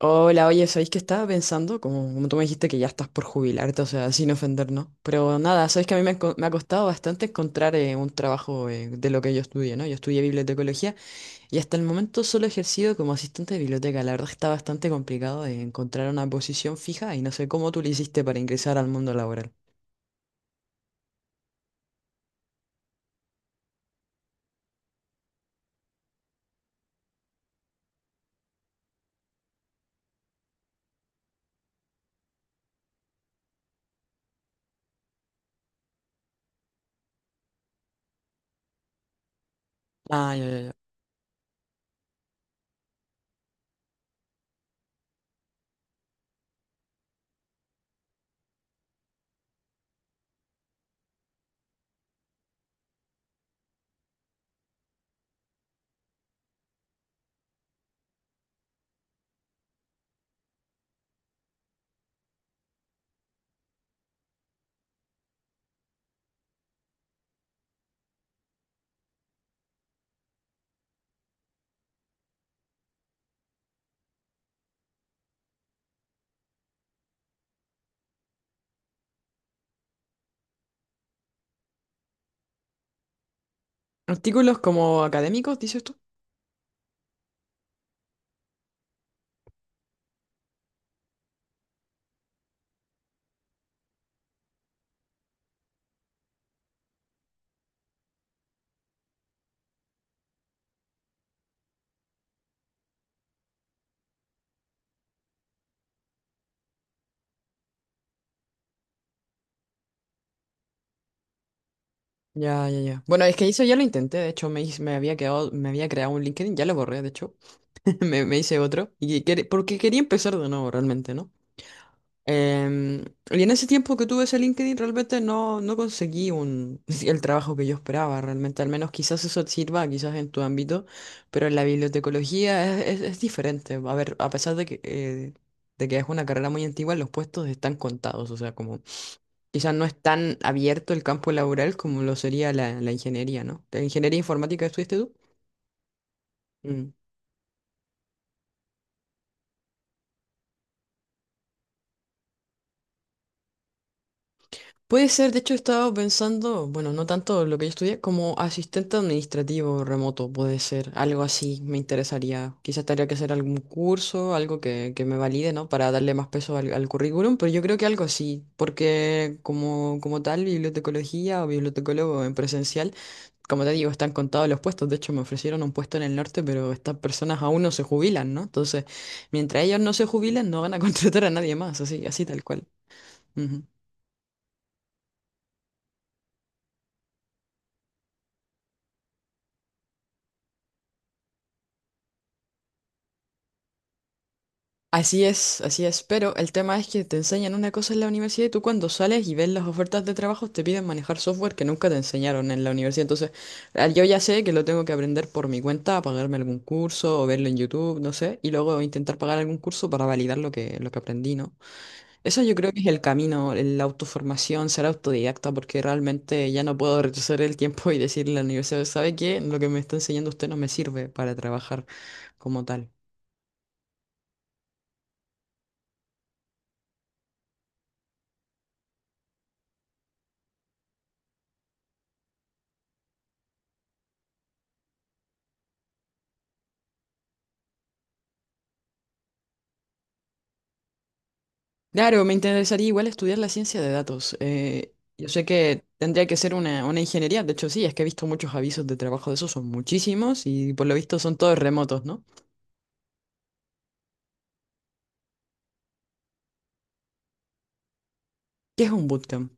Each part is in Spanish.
Hola, oye, ¿sabéis que estaba pensando? Como tú me dijiste que ya estás por jubilarte, o sea, sin ofender, ¿no? Pero nada, sabéis que a mí me ha costado bastante encontrar un trabajo de lo que yo estudié, ¿no? Yo estudié bibliotecología y hasta el momento solo he ejercido como asistente de biblioteca. La verdad está bastante complicado de encontrar una posición fija y no sé cómo tú le hiciste para ingresar al mundo laboral. Ah, ya, ya, ya. Artículos como académicos, dices tú. Ya, ya, ya. Bueno, es que eso ya lo intenté, de hecho me había quedado, me había creado un LinkedIn, ya lo borré, de hecho, Me hice otro. Y porque quería empezar de nuevo realmente, ¿no? Em, y en ese tiempo que tuve ese LinkedIn realmente no conseguí el trabajo que yo esperaba realmente. Al menos quizás eso te sirva, quizás en tu ámbito, pero en la bibliotecología es diferente. A ver, a pesar de que es una carrera muy antigua, los puestos están contados. O sea, como quizás no es tan abierto el campo laboral como lo sería la ingeniería, ¿no? ¿La ingeniería informática estudiaste tú? Puede ser, de hecho he estado pensando, bueno, no tanto lo que yo estudié, como asistente administrativo remoto, puede ser, algo así me interesaría. Quizás tendría que hacer algún curso, algo que me valide, ¿no? Para darle más peso al currículum, pero yo creo que algo así, porque como tal, bibliotecología o bibliotecólogo en presencial, como te digo, están contados los puestos, de hecho me ofrecieron un puesto en el norte, pero estas personas aún no se jubilan, ¿no? Entonces, mientras ellos no se jubilan, no van a contratar a nadie más, así, así tal cual. Ujú. Así es, pero el tema es que te enseñan una cosa en la universidad y tú cuando sales y ves las ofertas de trabajo te piden manejar software que nunca te enseñaron en la universidad. Entonces, ah, yo ya sé que lo tengo que aprender por mi cuenta, pagarme algún curso o verlo en YouTube, no sé, y luego intentar pagar algún curso para validar lo que aprendí, ¿no? Eso yo creo que es el camino, la autoformación, ser autodidacta, porque realmente ya no puedo retroceder el tiempo y decirle a la universidad, ¿sabe qué? Lo que me está enseñando usted no me sirve para trabajar como tal. Claro, me interesaría igual estudiar la ciencia de datos. Yo sé que tendría que ser una ingeniería, de hecho sí, es que he visto muchos avisos de trabajo de esos, son muchísimos y por lo visto son todos remotos, ¿no? ¿Qué es un bootcamp?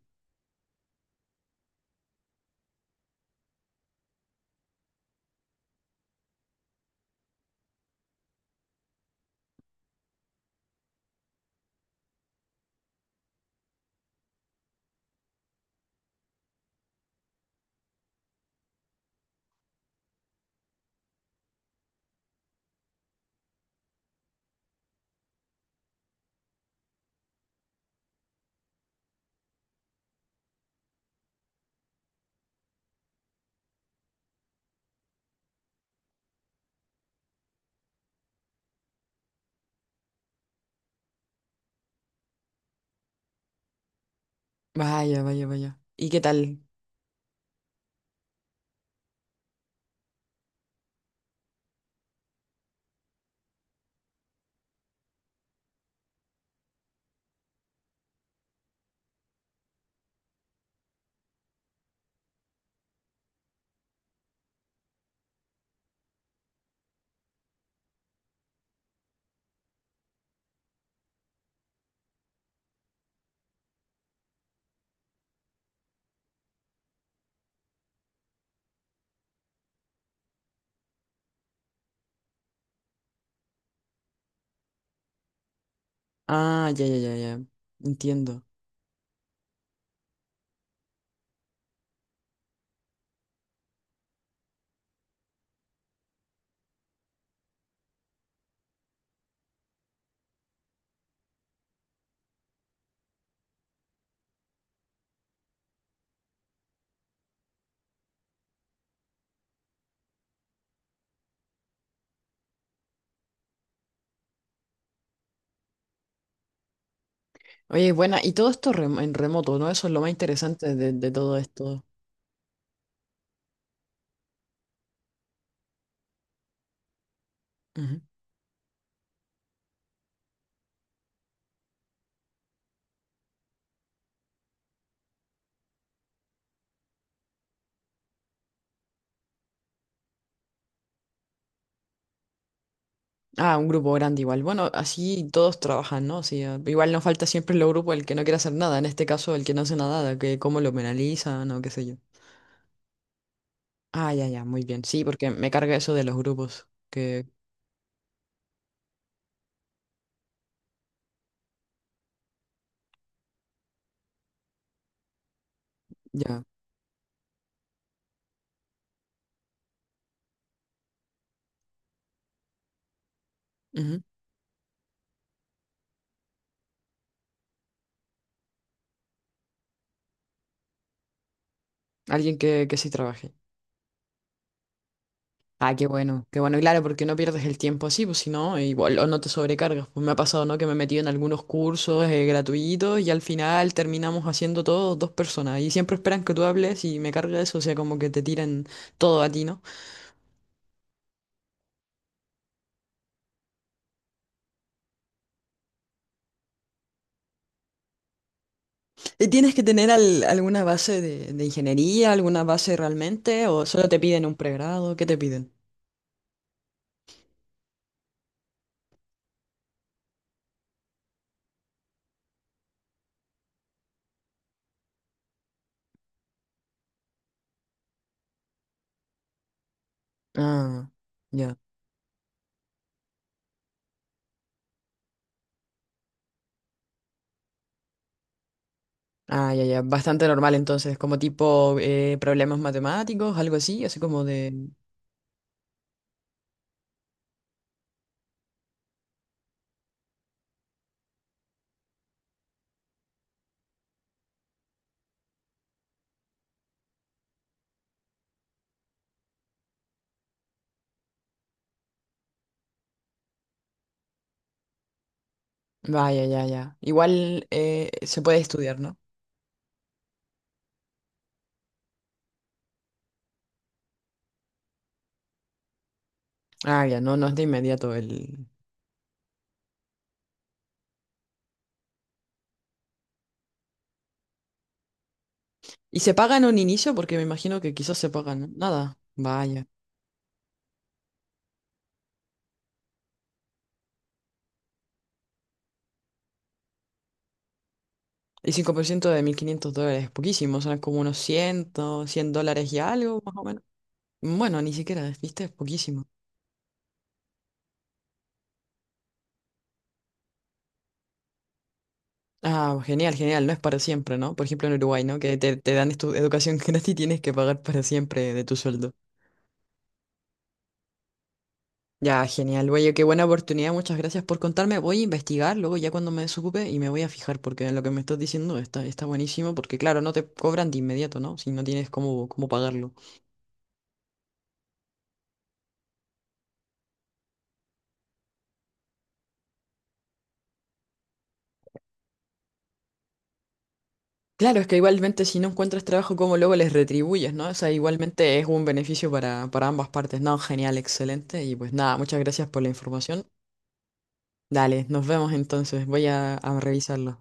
Vaya, vaya, vaya. ¿Y qué tal? Ah, ya, ya, ya, ya. Entiendo. Oye, buena, y todo esto en remoto, ¿no? Eso es lo más interesante de todo esto. Ujú. Ah, un grupo grande igual. Bueno, así todos trabajan, ¿no? Sí, ah, igual nos falta siempre el grupo el que no quiere hacer nada, en este caso el que no hace nada, que cómo lo penalizan o qué sé yo. Ah, ya, ya, muy bien. Sí, porque me carga eso de los grupos, que ya. Ujú. Alguien que sí trabaje. Ah, qué bueno, claro, porque no pierdes el tiempo así, pues si no, igual o no te sobrecargas. Pues me ha pasado, ¿no? Que me he metido en algunos cursos gratuitos y al final terminamos haciendo todos dos personas y siempre esperan que tú hables y me carga eso, o sea, como que te tiran todo a ti, ¿no? ¿Y tienes que tener alguna base de ingeniería, alguna base realmente, o solo te piden un pregrado? ¿Qué te piden? Ah, ya. Ah, ya, ya, bastante normal entonces, como tipo problemas matemáticos, algo así, así como de. Vaya, ya, ya. Igual se puede estudiar, ¿no? Ah, ya, no, no es de inmediato el. ¿Y se paga en un inicio? Porque me imagino que quizás se pagan, ¿no? Nada, vaya. Y 5% de 1.500 dólares, poquísimo, son como unos 100, 100 dólares y algo, más o menos. Bueno, ni siquiera, viste, es poquísimo. Ah, genial, genial, no es para siempre, ¿no? Por ejemplo, en Uruguay, ¿no? Que te dan educación gratis y tienes que pagar para siempre de tu sueldo. Ya, genial. Oye, qué buena oportunidad. Muchas gracias por contarme. Voy a investigar luego ya cuando me desocupe y me voy a fijar porque lo que me estás diciendo está buenísimo porque claro, no te cobran de inmediato, ¿no? Si no tienes cómo pagarlo. Claro, es que igualmente si no encuentras trabajo, ¿cómo luego les retribuyes, ¿no? O sea, igualmente es un beneficio para ambas partes. No, genial, excelente. Y pues nada, muchas gracias por la información. Dale, nos vemos entonces. Voy a revisarlo.